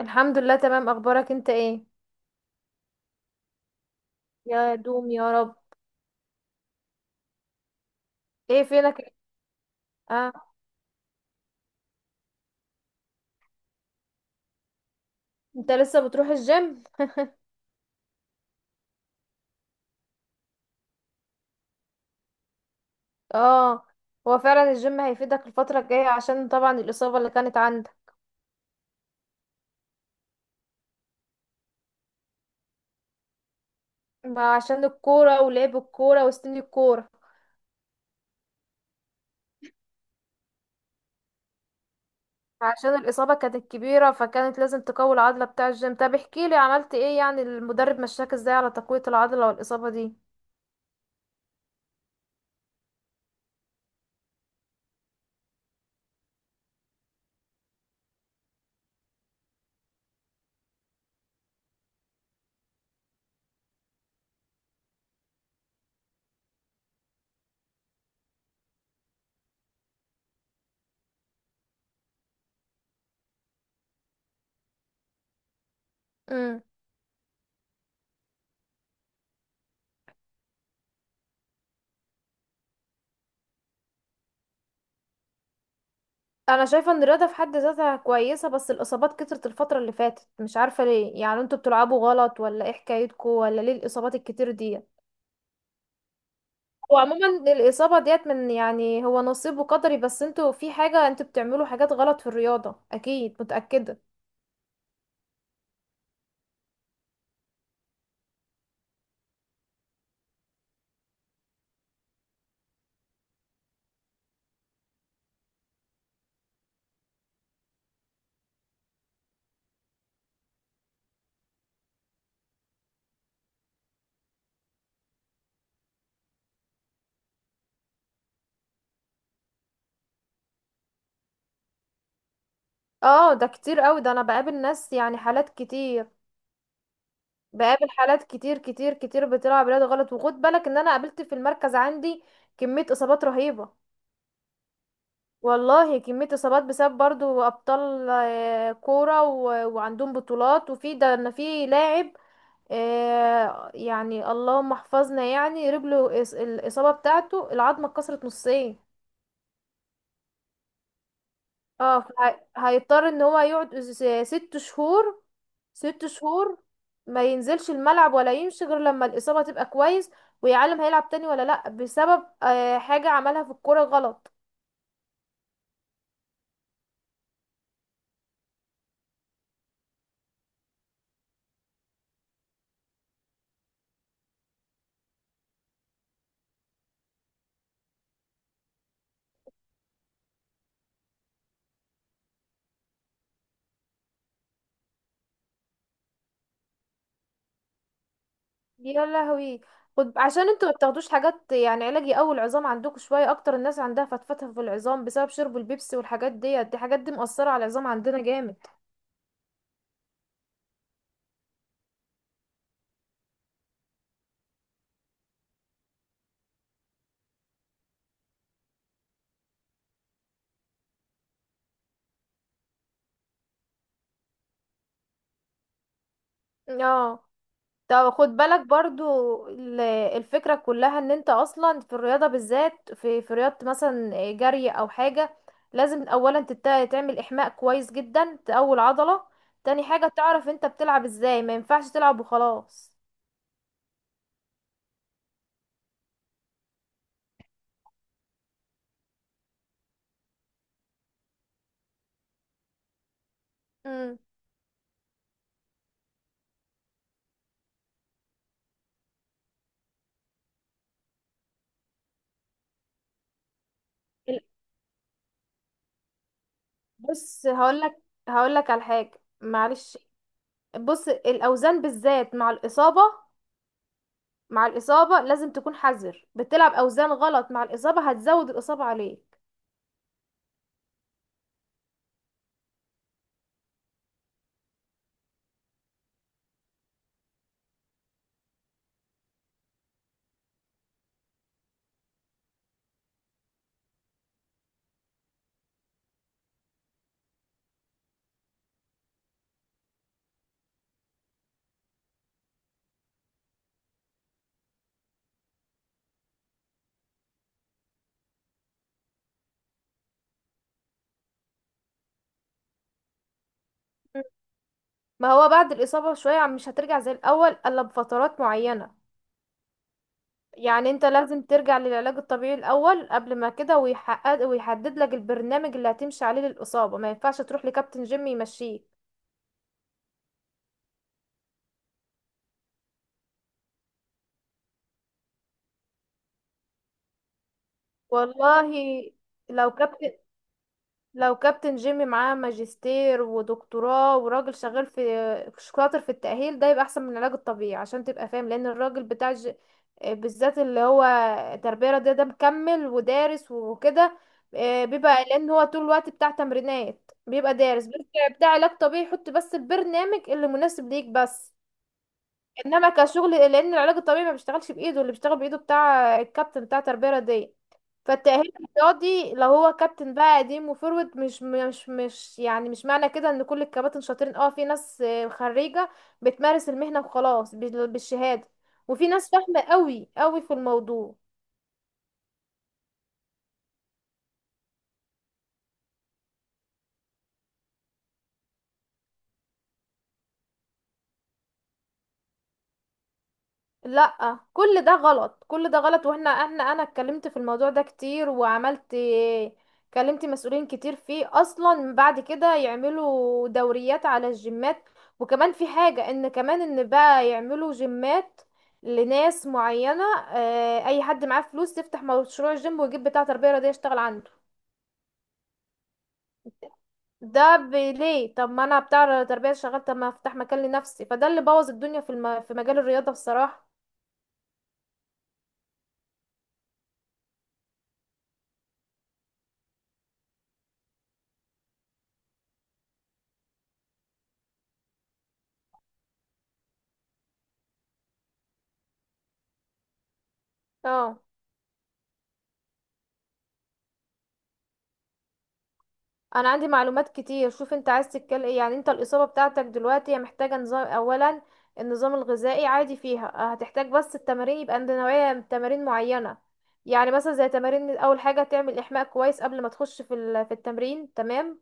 الحمد لله، تمام. اخبارك انت ايه؟ يا دوم يا رب. ايه فينك؟ اه. انت لسه بتروح الجيم؟ اه. هو فعلا الجيم هيفيدك الفترة الجاية عشان طبعا الإصابة اللي كانت عندك. ما عشان الكورة ولعب الكورة وسن الكورة. عشان الإصابة كانت كبيرة فكانت لازم تقوي العضلة بتاع الجيم. طب احكيلي عملت ايه، يعني المدرب مشاك ازاي على تقوية العضلة والإصابة دي؟ انا شايفه ان الرياضه في حد ذاتها كويسه، بس الاصابات كترت الفتره اللي فاتت. مش عارفه ليه، يعني انتوا بتلعبوا غلط ولا ايه حكايتكم، ولا ليه الاصابات الكتير دي؟ هو عموما الاصابه ديت من، يعني هو نصيب وقدري، بس انتوا في حاجه انتوا بتعملوا حاجات غلط في الرياضه اكيد، متاكده. اه ده كتير قوي، ده انا بقابل ناس يعني حالات كتير. بقابل حالات كتير كتير كتير بتلعب رياضه غلط، وخد بالك ان انا قابلت في المركز عندي كميه اصابات رهيبه. والله كمية إصابات بسبب برضو أبطال كورة وعندهم بطولات، وفي ده إن في لاعب يعني اللهم احفظنا، يعني رجله الإصابة بتاعته العظمة اتكسرت نصين. اه هيضطر ان هو يقعد 6 شهور. 6 شهور ما ينزلش الملعب ولا يمشي غير لما الإصابة تبقى كويس. ويعلم هيلعب تاني ولا لأ بسبب حاجة عملها في الكورة غلط. يا لهوي. خد، عشان انتوا ما بتاخدوش حاجات يعني علاج يقوي العظام عندكم شويه، اكتر الناس عندها فتفتة في العظام بسبب شرب البيبسي والحاجات ديت، دي حاجات دي مأثره على العظام عندنا جامد. اه طب خد بالك برضو ال- الفكرة كلها ان انت اصلا في الرياضة بالذات في رياضة مثلا جري او حاجة، لازم اولا تعمل احماء كويس جدا تقوي العضلة. تاني حاجة تعرف انت بتلعب ازاي، ما ينفعش تلعب وخلاص. مم. بص هقولك، على حاجة، معلش. بص الأوزان بالذات مع الإصابة، مع الإصابة لازم تكون حذر، بتلعب أوزان غلط مع الإصابة هتزود الإصابة عليك. مم. ما هو بعد الإصابة شوية مش هترجع زي الأول إلا بفترات معينة. يعني انت لازم ترجع للعلاج الطبيعي الأول قبل ما كده، ويحقق ويحدد لك البرنامج اللي هتمشي عليه للإصابة، ما ينفعش تروح لكابتن جيم يمشيك. والله. لو كابتن، لو كابتن جيمي معاه ماجستير ودكتوراه وراجل شغال في، شاطر في التأهيل ده، يبقى احسن من العلاج الطبيعي عشان تبقى فاهم، لان الراجل بتاع بالذات اللي هو تربية رياضية ده مكمل ودارس وكده، بيبقى، لان هو طول الوقت بتاع تمرينات بيبقى دارس، بيبقى بتاع علاج طبيعي، يحط بس البرنامج اللي مناسب ليك بس. انما كشغل، لان العلاج الطبيعي ما بيشتغلش بايده، اللي بيشتغل بايده بتاع الكابتن بتاع التربيه الرياضيه. فالتأهيل الرياضي لو هو كابتن بقى قديم وفورورد، مش مش مش يعني مش معنى كده ان كل الكباتن شاطرين. اه في ناس خريجة بتمارس المهنة وخلاص بالشهادة، وفي ناس فاهمة قوي قوي في الموضوع. لا كل ده غلط كل ده غلط، واحنا احنا انا اتكلمت في الموضوع ده كتير، وعملت، كلمت مسؤولين كتير فيه اصلا، بعد كده يعملوا دوريات على الجيمات. وكمان في حاجة، ان كمان ان بقى يعملوا جيمات لناس معينة، اه اي حد معاه فلوس يفتح مشروع جيم ويجيب بتاع تربية رياضية يشتغل عنده. ده ليه؟ طب ما انا بتاع تربية شغال، طب ما افتح مكان لنفسي. فده اللي بوظ الدنيا في في مجال الرياضة بصراحة. اه انا عندي معلومات كتير. شوف انت عايز تتكلم ايه، يعني انت الاصابه بتاعتك دلوقتي هي محتاجه نظام اولا. النظام الغذائي عادي فيها، هتحتاج بس التمارين، يبقى عند نوعيه من تمارين معينه. يعني مثلا زي تمارين، اول حاجه تعمل احماء كويس قبل ما تخش في في التمرين، تمام.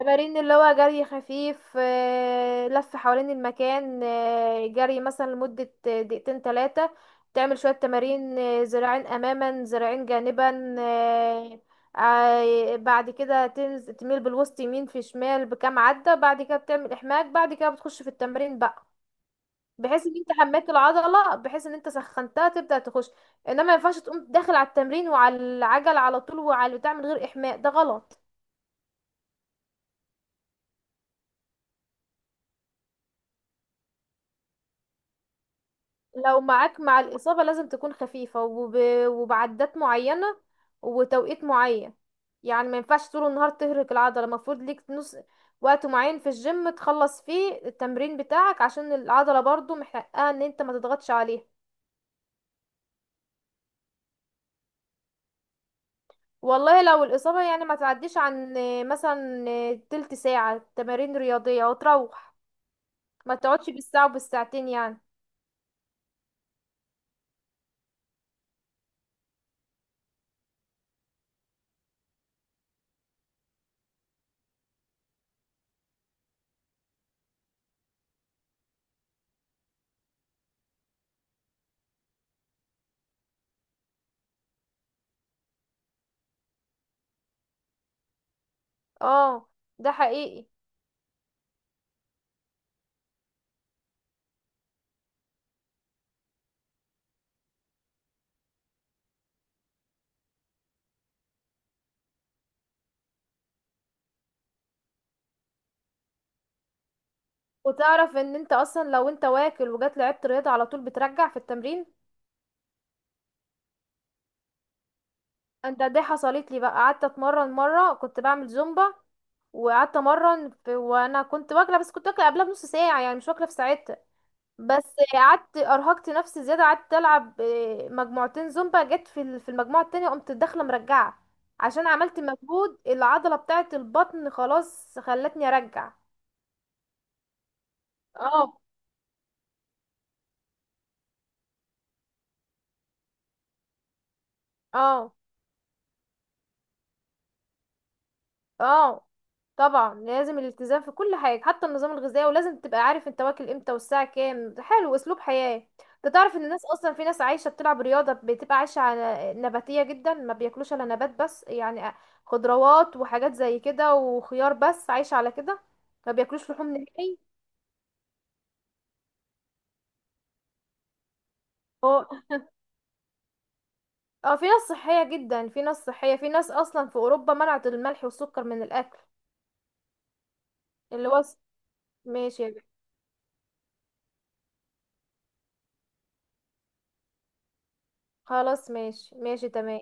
تمارين اللي هو جري خفيف، لف حوالين المكان، جري مثلا لمدة دقيقتين 3. تعمل شوية تمارين، ذراعين أماما ذراعين جانبا، بعد كده تميل بالوسط يمين في شمال بكام عدة. بعد كده بتعمل إحماك. بعد كده بتخش في التمرين بقى، بحيث ان انت حميت العضلة، بحيث ان انت سخنتها تبدأ تخش. انما ما ينفعش تقوم داخل على التمرين وعلى العجل على طول وعلى بتاع من غير إحماء، ده غلط. لو معاك مع الإصابة لازم تكون خفيفة وبعدات معينة وتوقيت معين. يعني ما ينفعش طول النهار تهرق العضلة، المفروض ليك نص، وقت معين في الجيم تخلص فيه التمرين بتاعك عشان العضلة برضو محققة ان انت ما تضغطش عليها. والله لو الإصابة يعني ما تعديش عن مثلا تلت ساعة تمارين رياضية وتروح. ما تقعدش بالساعة وبالساعتين يعني. اه ده حقيقي. وتعرف ان انت اصلا لو انت واكل وجات لعبت رياضة على طول بترجع في التمرين. دي حصلت لي بقى، قعدت اتمرن مره كنت بعمل زومبا، وقعدت امرن في وانا كنت واكله، بس كنت واكله قبلها بنص ساعه يعني مش واكله في ساعتها. بس قعدت ارهقت نفسي زياده، قعدت العب مجموعتين زومبا، جت في في المجموعه التانية قمت داخله مرجعه، عشان عملت مجهود، العضله بتاعه البطن خلاص خلتني ارجع. اه اه اه طبعا لازم الالتزام في كل حاجة حتى النظام الغذائي، ولازم تبقى عارف انت واكل امتى والساعة كام. حلو، اسلوب حياة. انت تعرف ان الناس اصلا، في ناس عايشة بتلعب رياضة بتبقى عايشة على نباتية جدا، ما بياكلوش الا نبات بس يعني خضروات وحاجات زي كده وخيار، بس عايشة على كده، ما بياكلوش لحوم نهائي. هو اه في ناس صحية جدا، في ناس صحية، في ناس اصلا في اوروبا منعت الملح والسكر من الاكل اللي هو. ماشي يا جماعة. خلاص، ماشي ماشي تمام.